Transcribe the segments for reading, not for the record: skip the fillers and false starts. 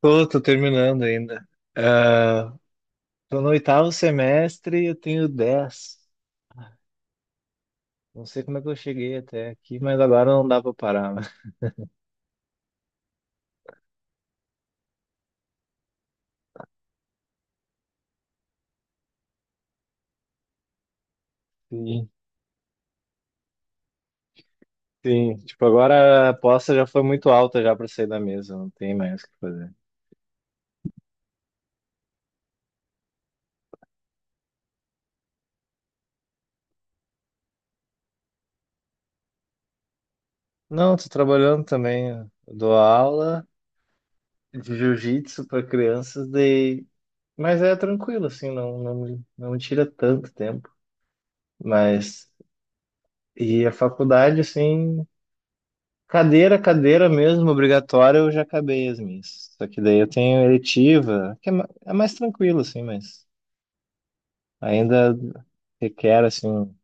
Tô terminando ainda. Ah, Tô no oitavo semestre e eu tenho 10. Não sei como é que eu cheguei até aqui, mas agora não dá pra parar, né? Sim, sim. Tipo, agora a aposta já foi muito alta já pra sair da mesa, não tem mais o que fazer. Não, tô trabalhando também. Eu dou aula de jiu-jitsu pra crianças, daí... mas é tranquilo, assim, não me tira tanto tempo. Mas, e a faculdade, assim. Cadeira mesmo, obrigatória, eu já acabei as minhas. Só que daí eu tenho eletiva, que é é mais tranquilo, assim, mas ainda requer, assim, um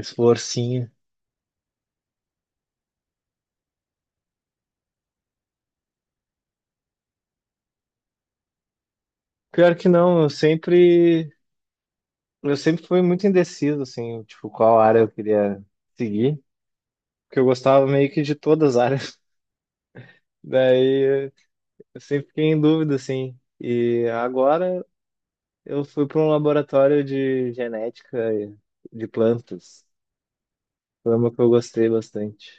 esforcinho. Pior que não, eu sempre fui muito indeciso, assim, tipo, qual área eu queria seguir, porque eu gostava meio que de todas as áreas. Daí eu sempre fiquei em dúvida, assim. E agora eu fui para um laboratório de genética de plantas. Foi uma que eu gostei bastante.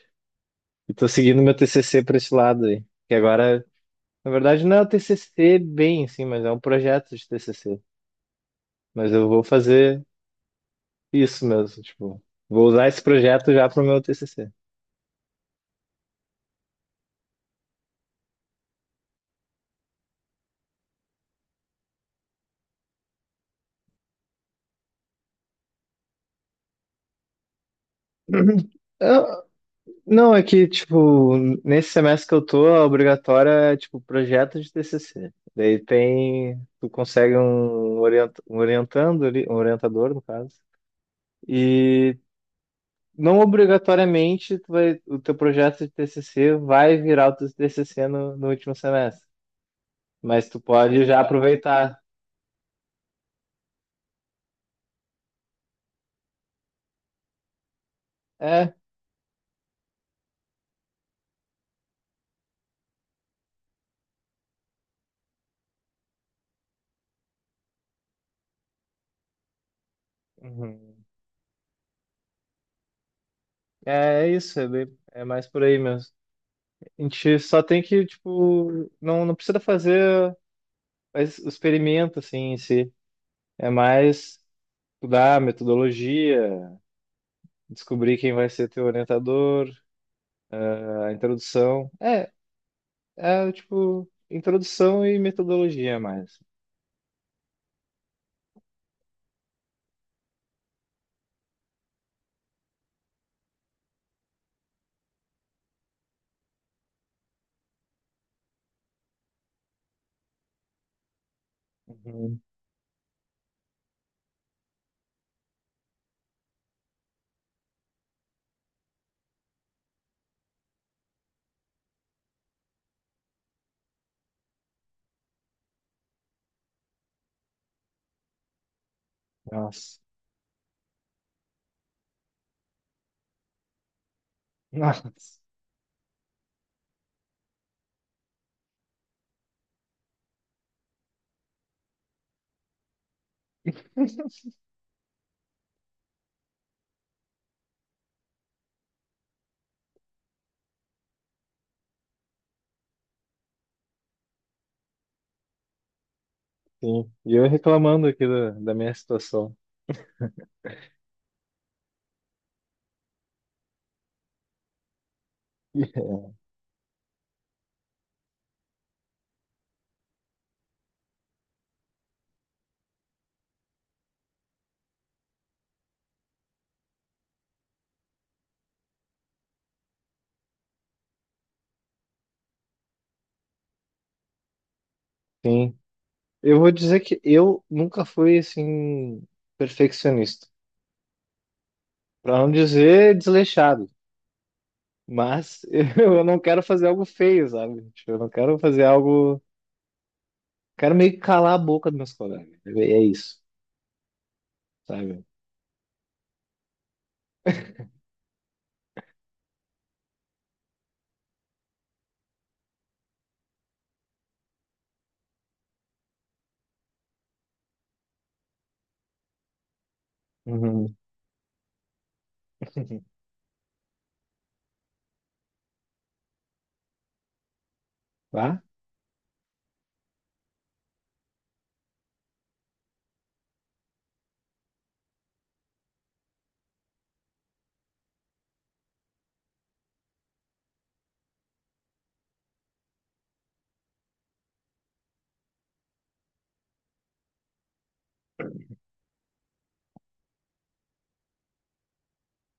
E tô seguindo meu TCC para esse lado aí. Que agora, na verdade, não é o TCC bem, assim, mas é um projeto de TCC. Mas eu vou fazer isso mesmo, tipo, vou usar esse projeto já pro meu TCC. Uhum. Eu- não, é que, tipo, nesse semestre que eu tô, a obrigatória é, tipo, projeto de TCC. Daí tem, tu consegue um, orienta, um orientando ali, um orientador, no caso. E não obrigatoriamente o teu projeto de TCC vai virar o teu TCC no último semestre, mas tu pode já aproveitar. É, uhum. É isso, é, é mais por aí mesmo. A gente só tem que, tipo, não precisa fazer o experimento assim em si, é mais estudar a metodologia, descobrir quem vai ser teu orientador, a introdução. É, é tipo, introdução e metodologia mais. Uhum. Nossa. Nossa. Sim. E eu reclamando aqui da, da minha situação. Sim. Eu vou dizer que eu nunca fui assim perfeccionista, para não dizer desleixado, mas eu não quero fazer algo feio, sabe? Tipo, eu não quero fazer algo, quero meio que calar a boca dos meus colegas. É é isso, sabe? Uhum. Tá?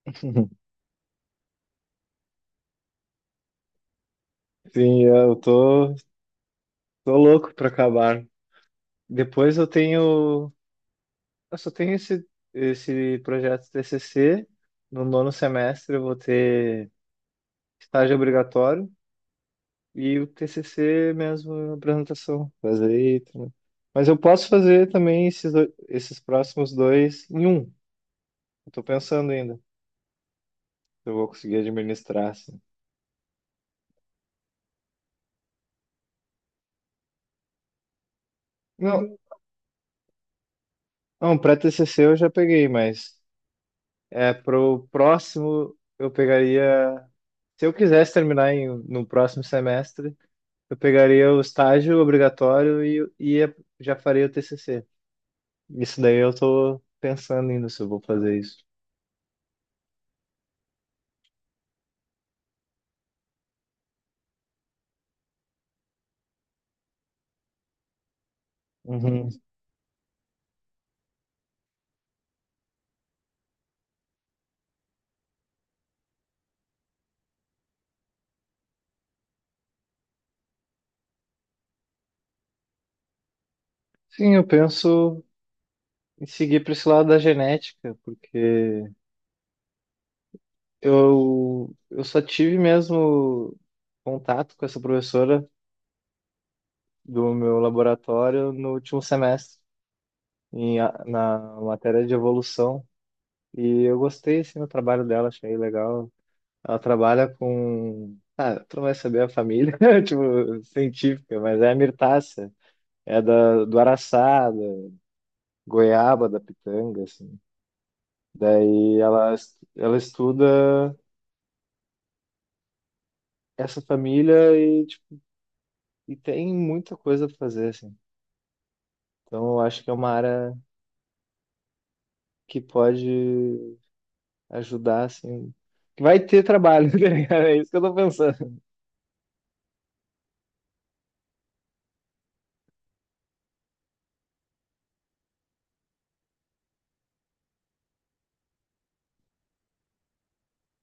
Sim, tô louco para acabar. Depois eu tenho eu só tenho esse projeto TCC. No nono semestre eu vou ter estágio obrigatório e o TCC mesmo, apresentação. Fazer aí. Também. Mas eu posso fazer também esses próximos dois em um. Eu tô pensando ainda se eu vou conseguir administrar, assim. Não, não, pré-TCC eu já peguei, mas é pro próximo eu pegaria... Se eu quisesse terminar no próximo semestre, eu pegaria o estágio obrigatório e já faria o TCC. Isso daí eu tô pensando ainda se eu vou fazer isso. Uhum. Sim, eu penso em seguir para esse lado da genética, porque eu só tive mesmo contato com essa professora do meu laboratório no último semestre, na matéria de evolução. E eu gostei assim, do trabalho dela, achei legal. Ela trabalha com. Ah, tu não vai saber a família, tipo, científica, mas é a mirtácea. É da, do araçá, da goiaba, da pitanga, assim. Daí ela estuda essa família e, tipo, e tem muita coisa pra fazer, assim. Então eu acho que é uma área que pode ajudar, assim. Que vai ter trabalho, tá ligado? É isso que eu tô pensando.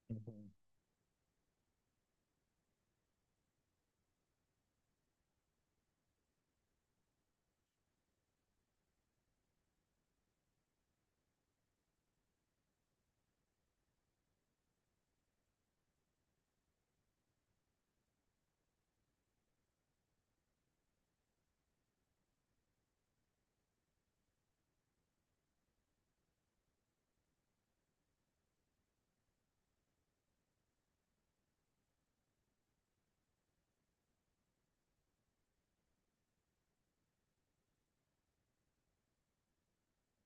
Uhum.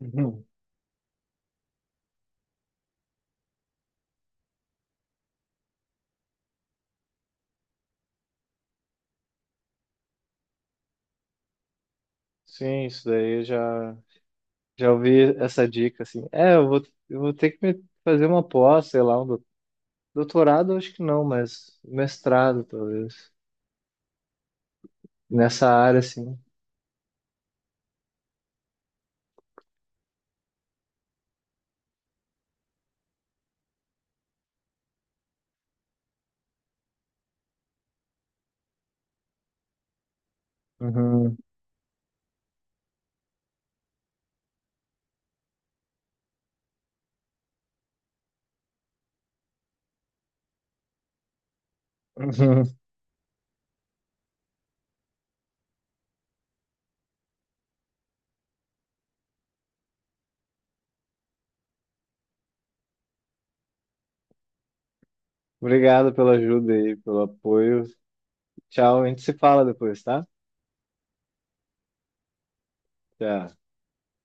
Uhum. Sim, isso daí já. Já ouvi essa dica, assim. Eu vou ter que fazer uma pós, sei lá, doutorado, acho que não, mas mestrado, talvez. Nessa área, assim. Uhum, uhum. Obrigado pela ajuda aí, pelo apoio. Tchau, a gente se fala depois, tá? Tchau.